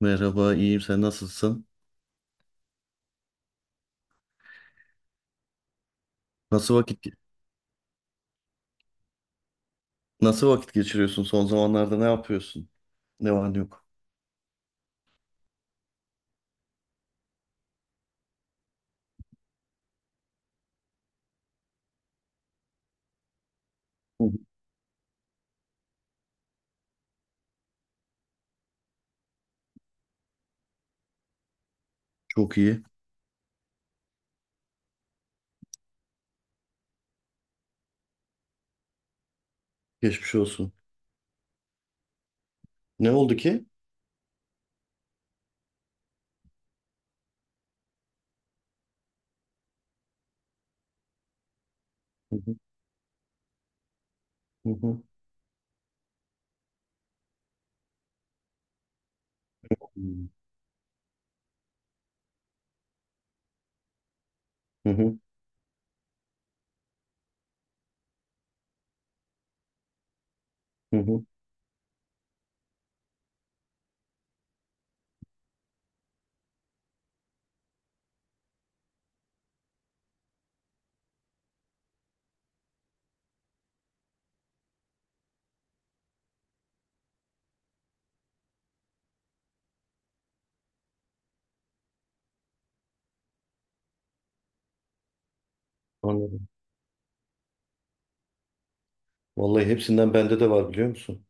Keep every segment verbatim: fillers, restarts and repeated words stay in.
Merhaba, iyiyim. Sen nasılsın? Nasıl vakit Nasıl vakit geçiriyorsun son zamanlarda? Ne yapıyorsun? Ne var ne yok? Hı hı. Çok iyi. Geçmiş olsun. Ne oldu ki? Hı hı. Hı hı. Hı hı. Hı hı. Anladım. Vallahi hepsinden bende de var, biliyor musun?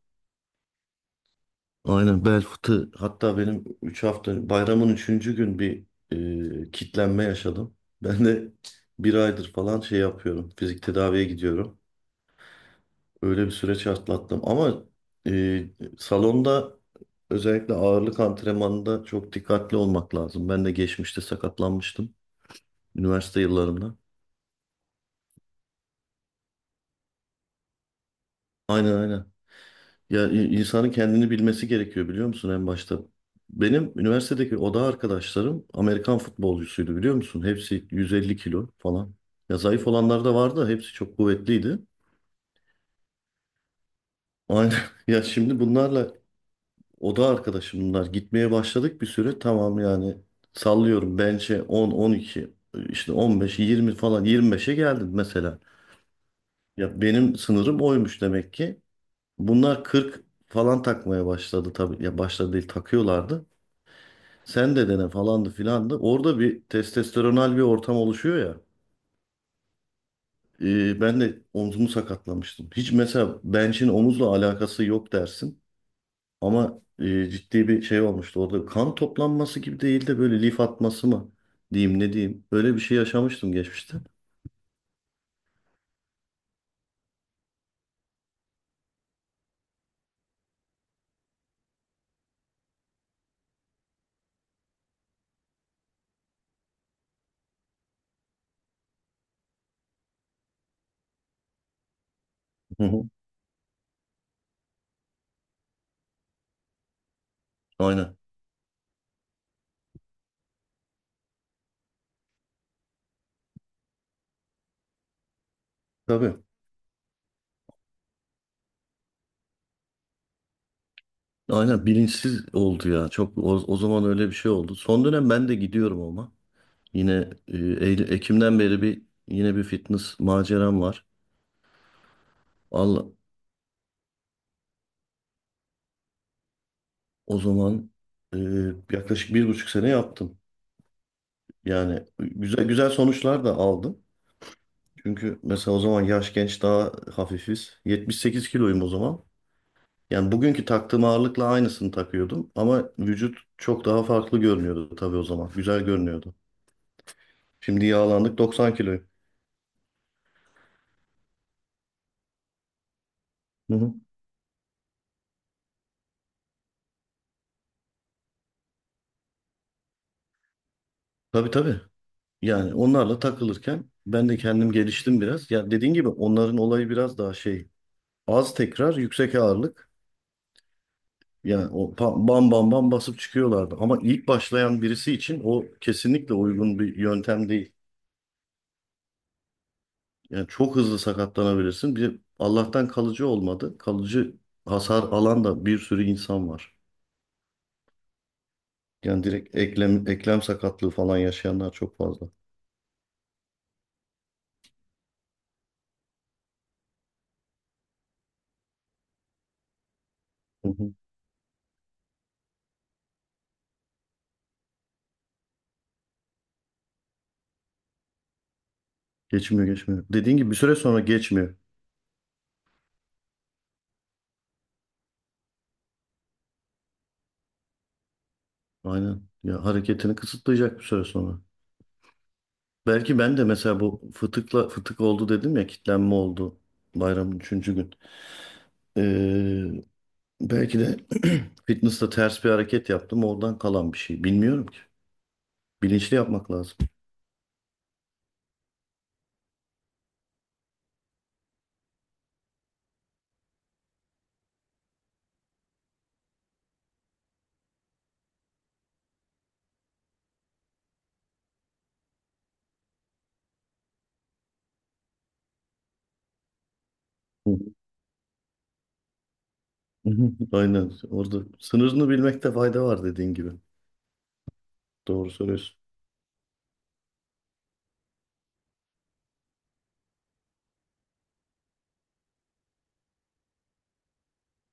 Aynen, bel fıtığı. Hatta benim üç hafta, bayramın üçüncü gün bir e, kitlenme yaşadım. Ben de bir aydır falan şey yapıyorum. Fizik tedaviye gidiyorum. Öyle bir süreç atlattım ama e, salonda özellikle ağırlık antrenmanında çok dikkatli olmak lazım. Ben de geçmişte sakatlanmıştım üniversite yıllarımda. Aynen aynen. Ya i- insanın kendini bilmesi gerekiyor, biliyor musun, en başta? Benim üniversitedeki oda arkadaşlarım Amerikan futbolcusuydu, biliyor musun? Hepsi yüz elli kilo falan. Ya zayıf olanlar da vardı, hepsi çok kuvvetliydi. Aynen. Ya şimdi bunlarla, oda arkadaşım bunlar. Gitmeye başladık bir süre. Tamam, yani sallıyorum. Bench'e on, on iki, işte on beş, yirmi falan, yirmi beşe geldim mesela. Ya benim sınırım oymuş demek ki. Bunlar kırk falan takmaya başladı tabii. Ya başladı değil, takıyorlardı. Sen de dene falandı filandı. Orada bir testosteronal bir ortam oluşuyor ya. Ee, ben de omzumu sakatlamıştım. Hiç mesela bench'in omuzla alakası yok dersin. Ama e, ciddi bir şey olmuştu. Orada kan toplanması gibi değil de böyle lif atması mı diyeyim, ne diyeyim. Böyle bir şey yaşamıştım geçmişte. Hı hı. Aynen. Tabii. Aynen, bilinçsiz oldu ya. Çok o, o zaman öyle bir şey oldu. Son dönem ben de gidiyorum ama. Yine e, Eylül- Ekim'den beri bir, yine bir fitness maceram var. Allah, o zaman e, yaklaşık bir buçuk sene yaptım. Yani güzel güzel sonuçlar da aldım. Çünkü mesela o zaman yaş genç, daha hafifiz. yetmiş sekiz kiloyum o zaman. Yani bugünkü taktığım ağırlıkla aynısını takıyordum ama vücut çok daha farklı görünüyordu tabii o zaman. Güzel görünüyordu. Şimdi yağlandık, doksan kiloyum. Hı hı. Tabii tabii. Yani onlarla takılırken ben de kendim geliştim biraz. Ya dediğin gibi onların olayı biraz daha şey, az tekrar yüksek ağırlık. Yani o pa- bam bam bam basıp çıkıyorlardı. Ama ilk başlayan birisi için o kesinlikle uygun bir yöntem değil. Yani çok hızlı sakatlanabilirsin. Bir de Allah'tan kalıcı olmadı. Kalıcı hasar alan da bir sürü insan var. Yani direkt eklem eklem sakatlığı falan yaşayanlar çok fazla. Hı hı. Geçmiyor, geçmiyor. Dediğin gibi bir süre sonra geçmiyor. Aynen. Ya hareketini kısıtlayacak bir süre sonra. Belki ben de mesela bu fıtıkla, fıtık oldu dedim ya, kitlenme oldu bayramın üçüncü gün. Ee, Belki de fitness'ta ters bir hareket yaptım, oradan kalan bir şey. Bilmiyorum ki. Bilinçli yapmak lazım. Hı hı, aynen. Orada sınırını bilmekte fayda var dediğin gibi. Doğru söylüyorsun.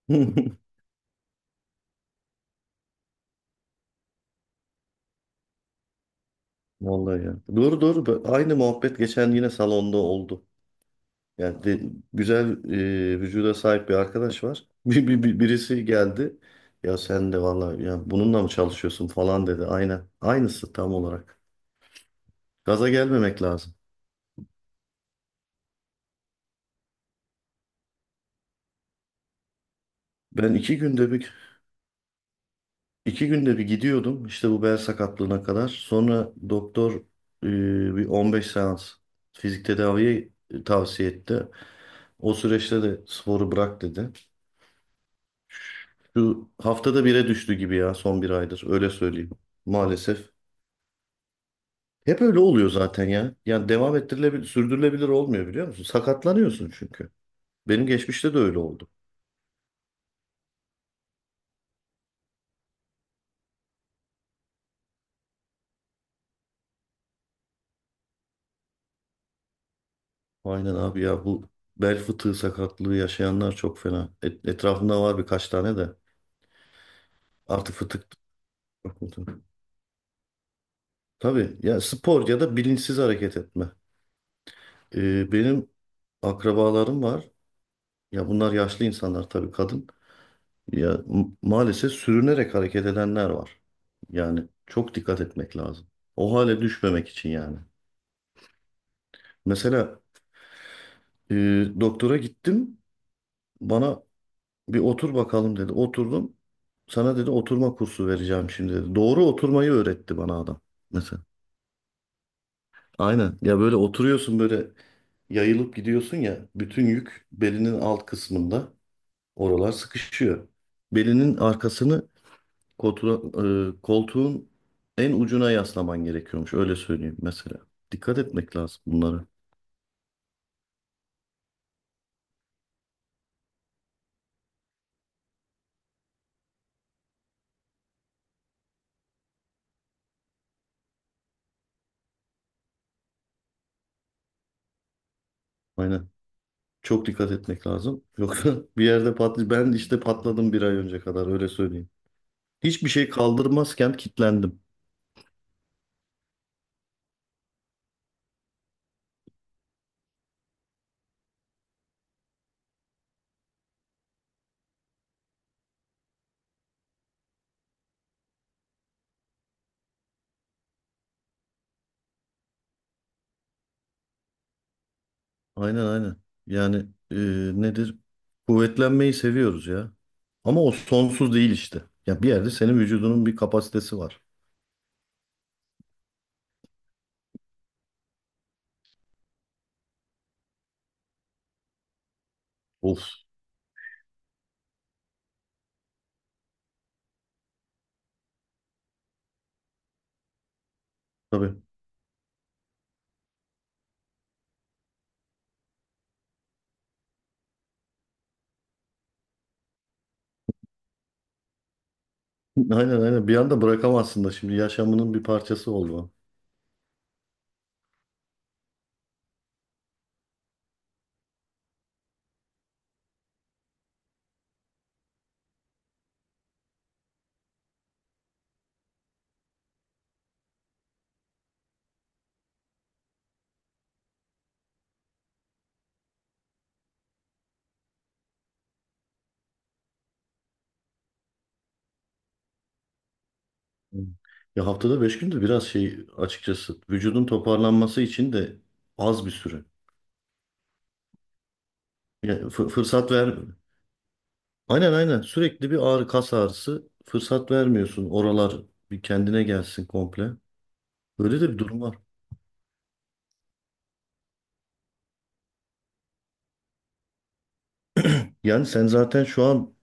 Vallahi ya. Doğru, doğru. Bö- Aynı muhabbet geçen yine salonda oldu. Yani de- Güzel e, vücuda sahip bir arkadaş var. Bir, bir, bir- birisi geldi. Ya sen de vallahi ya bununla mı çalışıyorsun falan dedi. Aynen. Aynısı tam olarak. Gaza gelmemek lazım. Ben iki günde bir İki günde bir gidiyordum işte, bu bel sakatlığına kadar. Sonra doktor e, bir on beş seans fizik tedaviye e, tavsiye etti. O süreçte de sporu bırak dedi. Şu haftada bire düştü gibi ya, son bir aydır, öyle söyleyeyim maalesef. Hep öyle oluyor zaten ya. Yani devam ettirilebilir, sürdürülebilir olmuyor, biliyor musun? Sakatlanıyorsun çünkü. Benim geçmişte de öyle oldu. Aynen abi ya, bu bel fıtığı sakatlığı yaşayanlar çok fena. Et- etrafımda var birkaç tane de. Artık fıtık okudum. Tabii ya, spor ya da bilinçsiz hareket etme. Ee, benim akrabalarım var. Ya bunlar yaşlı insanlar tabii, kadın. Ya m- maalesef sürünerek hareket edenler var. Yani çok dikkat etmek lazım. O hale düşmemek için yani. Mesela e, doktora gittim. Bana bir otur bakalım dedi. Oturdum. Sana dedi, oturma kursu vereceğim şimdi dedi. Doğru oturmayı öğretti bana adam. Mesela. Aynen. Ya böyle oturuyorsun, böyle yayılıp gidiyorsun ya, bütün yük belinin alt kısmında, oralar sıkışıyor. Belinin arkasını koltuğa- e, koltuğun en ucuna yaslaman gerekiyormuş, öyle söyleyeyim mesela. Dikkat etmek lazım bunlara. Aynen. Çok dikkat etmek lazım. Yoksa bir yerde patlı ben işte patladım bir ay önce kadar, öyle söyleyeyim. Hiçbir şey kaldırmazken kilitlendim. Aynen aynen. Yani e, nedir? Kuvvetlenmeyi seviyoruz ya. Ama o sonsuz değil işte. Ya bir yerde senin vücudunun bir kapasitesi var. Of. Tabii. Aynen aynen. Bir anda bırakamazsın da, şimdi yaşamının bir parçası oldu o. Hı. Ya haftada beş gün de biraz şey, açıkçası vücudun toparlanması için de az bir süre. Ya fı- fırsat ver. Aynen aynen. Sürekli bir ağrı, kas ağrısı. Fırsat vermiyorsun. Oralar bir kendine gelsin komple. Böyle de bir durum var. Yani sen zaten şu an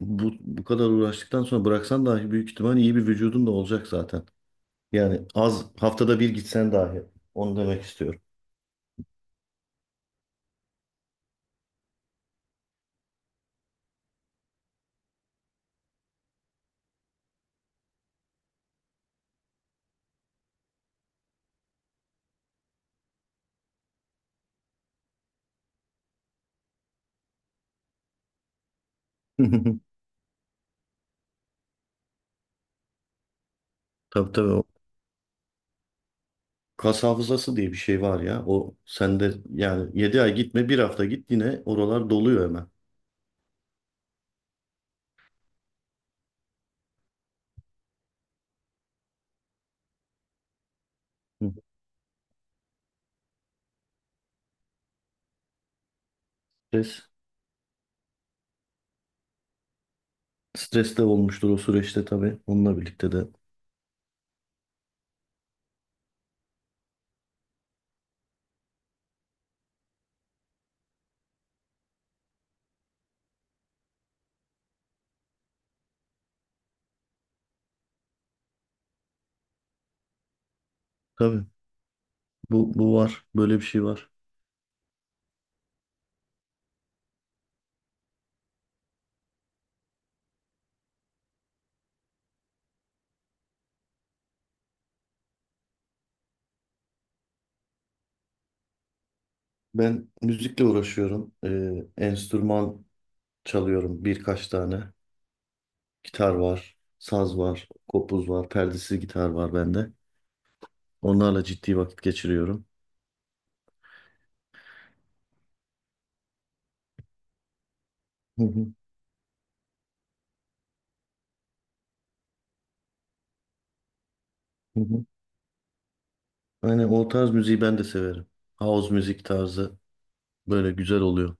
bu, bu kadar uğraştıktan sonra bıraksan dahi büyük ihtimal iyi bir vücudun da olacak zaten. Yani az haftada bir gitsen dahi, onu demek istiyorum. Tabii tabii, o kas hafızası diye bir şey var ya. O sende, yani yedi ay gitme, bir hafta git, yine oralar doluyor hemen. Hı. Stres, Stres de olmuştur o süreçte tabii, onunla birlikte de. Tabii bu, bu var, böyle bir şey var. Ben müzikle uğraşıyorum. Ee, enstrüman çalıyorum birkaç tane. Gitar var, saz var, kopuz var, perdesiz gitar var bende. Onlarla ciddi vakit geçiriyorum. Hı hı, hı hı. Aynen, o tarz müziği ben de severim. House müzik tarzı böyle güzel oluyor.